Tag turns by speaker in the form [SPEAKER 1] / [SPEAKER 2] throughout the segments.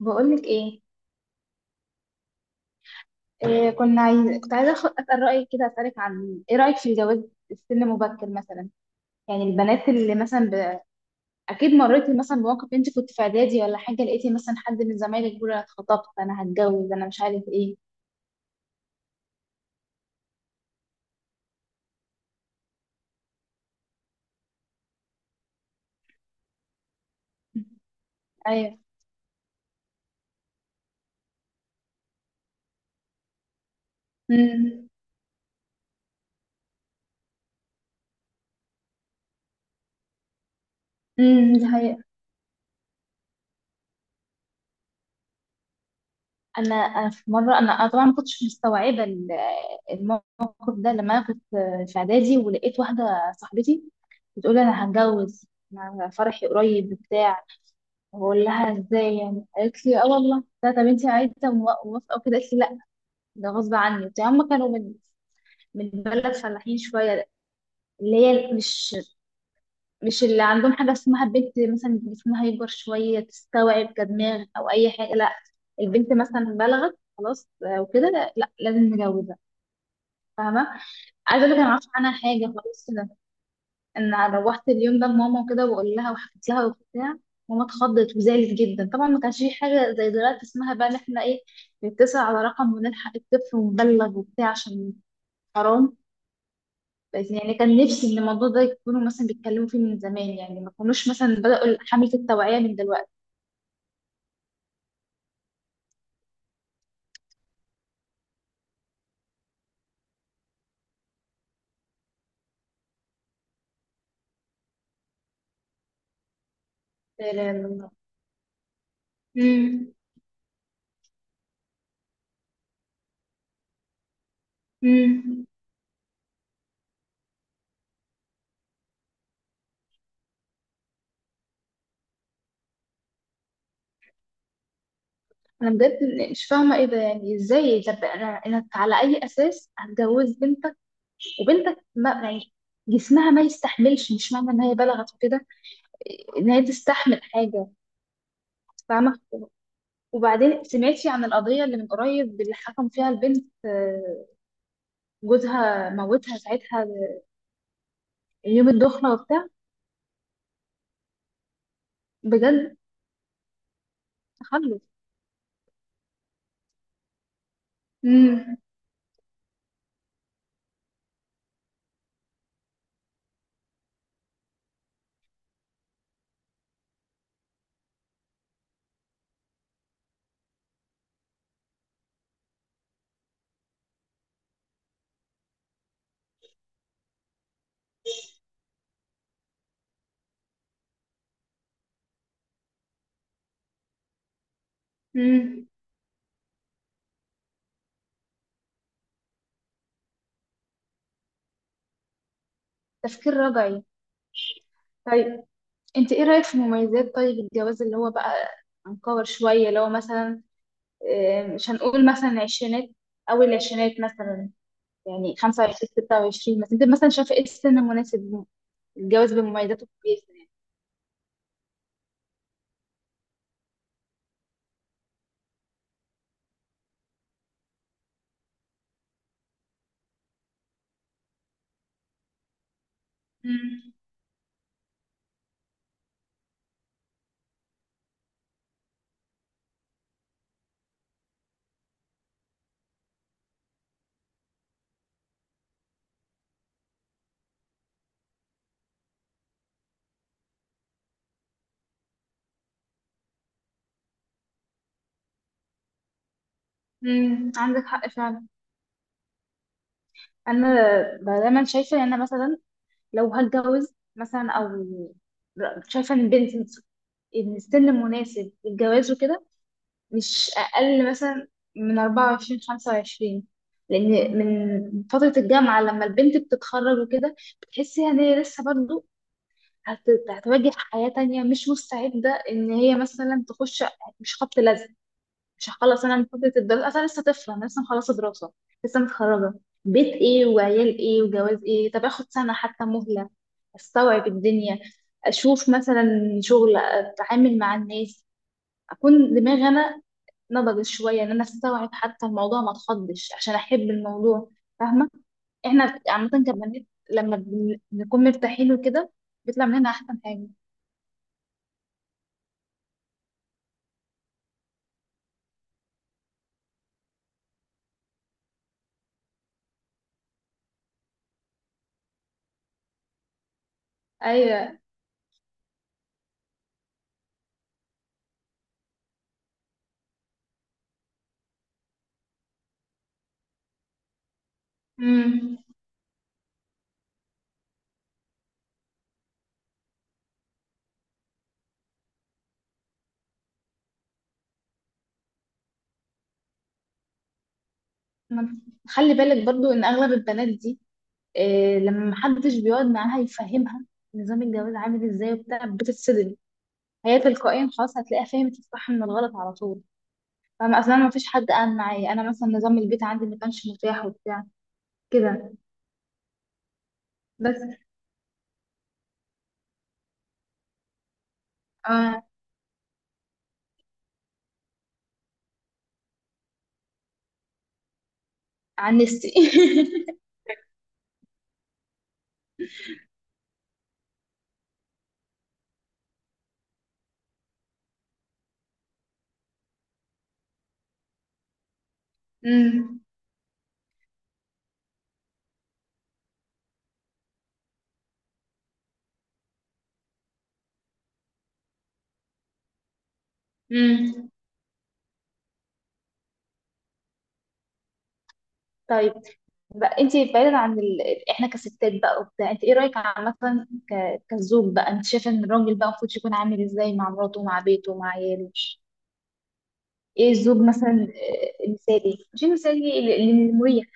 [SPEAKER 1] بقولك ايه, إيه كنا عايز... اسال رايك كده اسالك عن ايه رايك في الجواز في سن مبكر مثلا. يعني البنات اللي مثلا ب... اكيد مريتي مثلا بموقف انت كنت في اعدادي ولا حاجه، لقيتي مثلا حد من زمايلك بيقول انا اتخطبت انا هتجوز انا مش عارف ايه. ايوه. امم. امم، دي حقيقة. انا في مره أنا طبعا ما كنتش مستوعبه الموقف ده، لما انا كنت في اعدادي ولقيت واحده صاحبتي بتقول لي انا هتجوز. أنا فرحي قريب بتاع، بقول لها ازاي، يعني قالت لي اه والله لا، طب انت عايزه موافقه وكده، قالت لي لا ده غصب عني وبتاع. هم كانوا من بلد فلاحين شويه، اللي هي مش اللي عندهم حاجه اسمها بنت مثلا جسمها يكبر شويه تستوعب كدماغ او اي حاجه، لا البنت مثلا بلغت خلاص آه، وكده لا لازم نجوزها. فاهمه. عايزه اقول لك انا ما اعرفش عنها حاجه خلاص. ان أنا روحت اليوم ده لماما وكده واقول لها وحكيت لها وبتاع. ماما اتخضت وزعلت جدا، طبعا ما كانش في حاجه زي دلوقتي اسمها بقى ان احنا ايه نتصل على رقم ونلحق الطفل ونبلغ وبتاع، عشان حرام. بس يعني كان نفسي ان الموضوع ده يكونوا مثلا بيتكلموا فيه من زمان، يعني ما كانوش مثلا بدأوا حملة التوعية من دلوقتي. لا لا لا. امم. امم. انا بجد مش فاهمه ايه ده، يعني ازاي؟ طب انا على اي اساس هتجوز بنت وبنتك، ما يعني جسمها ما يستحملش. مش معنى ان هي بلغت وكده ان هي تستحمل حاجه. فاهمه. وبعدين سمعتي عن القضيه اللي من قريب اللي حكم فيها البنت آه، جوزها موتها ساعتها يوم الدخله وبتاع. بجد. تخلف. امم. امم، تفكير رجعي. طيب، انت ايه رايك في مميزات طيب الجواز اللي هو بقى هنكور شويه، اللي هو مثلا آه، مش هنقول مثلا عشرينات، اول العشرينات مثلا، يعني 25 26 مثلا، انت مثلا شايفه ايه السن المناسب للجواز بمميزاته وكويسه يعني؟ مم. مم، عندك حق فعلا. انا دايما شايفه ان انا مثلا لو هتجوز مثلا او شايفه ان البنت، ان السن المناسب للجواز وكده مش اقل مثلا من 24 25. لان من فتره الجامعه لما البنت بتتخرج وكده بتحسي ان هي لسه برضه هتواجه حياة تانية، مش مستعدة ان هي مثلا تخش مش خبط لزق. مش هخلص انا من فترة الدراسة اصلا لسه طفلة، انا لسه مخلصة دراسة، لسه متخرجة، بيت ايه وعيال ايه وجواز ايه؟ طب اخد سنة حتى مهلة استوعب الدنيا، اشوف مثلا شغل، اتعامل مع الناس، اكون دماغي انا نضجت شوية ان انا استوعب حتى الموضوع ما اتخضش، عشان احب الموضوع. فاهمة. احنا عامة كبنات لما بنكون مرتاحين وكده بيطلع مننا احسن حاجة. ايوه. امم. ما- خلي بالك برضو ان اغلب البنات دي إيه، لما محدش بيقعد معاها يفهمها نظام الجواز عامل ازاي وبتاع بتتصدم. هي تلقائيا خلاص هتلاقيها فهمت الصح من الغلط على طول. فانا اصلا ما فيش حد قال معايا، انا مثلا نظام البيت عندي ما كانش متاح وبتاع كده. بس. آه. عن نفسي امم. امم. طيب، بقى انت بعيدا عن ال... احنا كستات بقى وبتاع، انت ايه رايك عامه، ك... كزوج بقى، انت شايفه ان الراجل بقى المفروض يكون عامل ازاي مع مراته مع بيته مع عياله؟ ايه الزوج مثلا آه، المثالي مش المثالي المريح.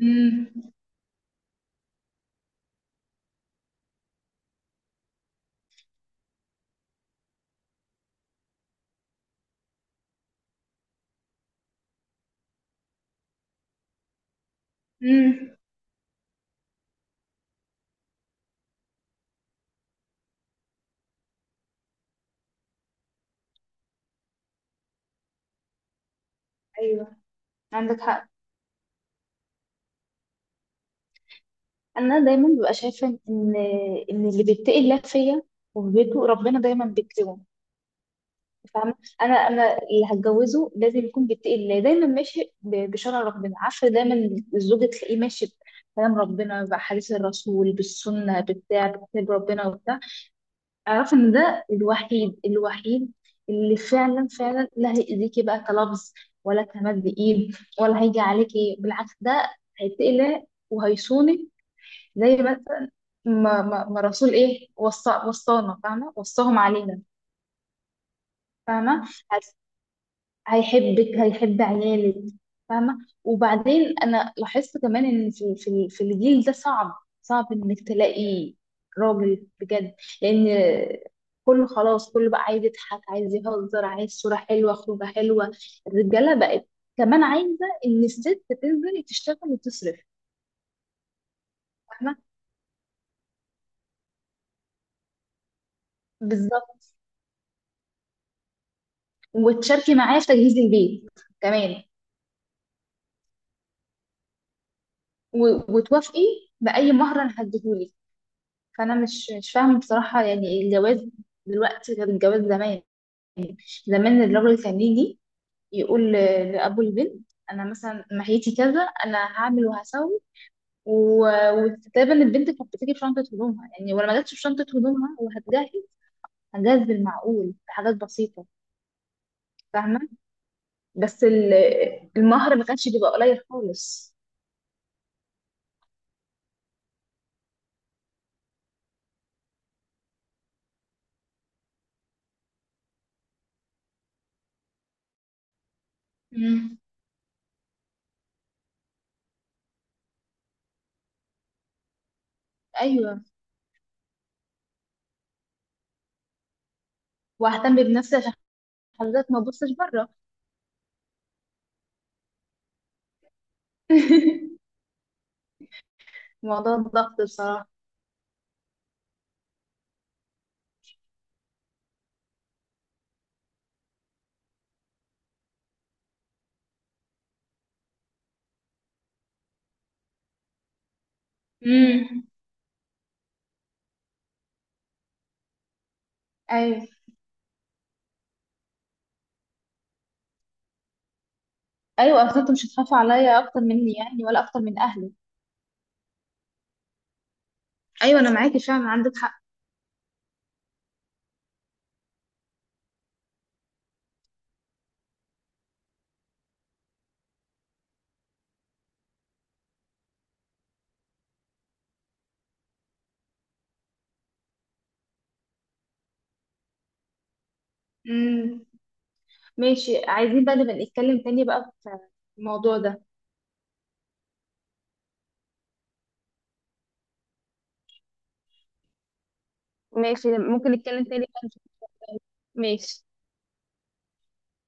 [SPEAKER 1] امم. امم. ايوه، عندك حق. انا دايما ببقى شايفه ان ان اللي بيتقي الله فيا وفي بيته ربنا دايما بيكرمه. فاهمة. انا اللي هتجوزه لازم يكون بيتقي الله، دايما ماشي بشرع ربنا، عارفة؟ دايما الزوج تلاقيه ماشي بكلام ربنا، بحديث الرسول، بالسنة بتاع، بكتاب ربنا وبتاع. اعرف ان ده الوحيد اللي فعلا لا هيأذيكي بقى كلفظ ولا كمد ايد، ولا هيجي عليكي بالعكس، ده هيتقي الله وهيصونك. زي مثلا ما الرسول ايه وصى، وصانا، فاهمة؟ وصاهم علينا. فاهمة. هيحبك، هيحب عيالك. فاهمة. وبعدين أنا لاحظت كمان إن في الجيل ده صعب، إنك تلاقي راجل بجد. لأن كله خلاص، كله بقى عايز يضحك، عايز يهزر، عايز صورة حلوة، خروجة حلوة. الرجالة بقت كمان عايزة إن الست تنزل تشتغل وتصرف. فاهمة. بالظبط. وتشاركي معايا في تجهيز البيت كمان، وتوافقي بأي مهر أنا هديهولك. فانا مش فاهمه بصراحه، يعني الجواز دلوقتي غير الجواز زمان. زمان الراجل كان يجي يقول لابو البنت انا مثلا محيتي كذا، انا هعمل وهسوي، وتقريبا البنت كانت بتيجي بشنطه هدومها، يعني ولما جاتش بشنطه هدومها وهتجهز هتجهز بالمعقول بحاجات بسيطه. فاهمه. بس المهر ما كانش بيبقى قليل خالص. مم. ايوه، واهتم بنفسي عشان حضرتك ما تبصش بره. موضوع الضغط بصراحه. امم. ايوه. ايوه، اصل انت مش هتخاف عليا اكتر مني يعني ولا اكتر من اهلي. ايوه انا معاكي فعلا، عندك حق. امم. ماشي، عايزين بقى نبقى نتكلم تاني بقى في الموضوع ده. ماشي، ممكن نتكلم تاني بقى. ماشي.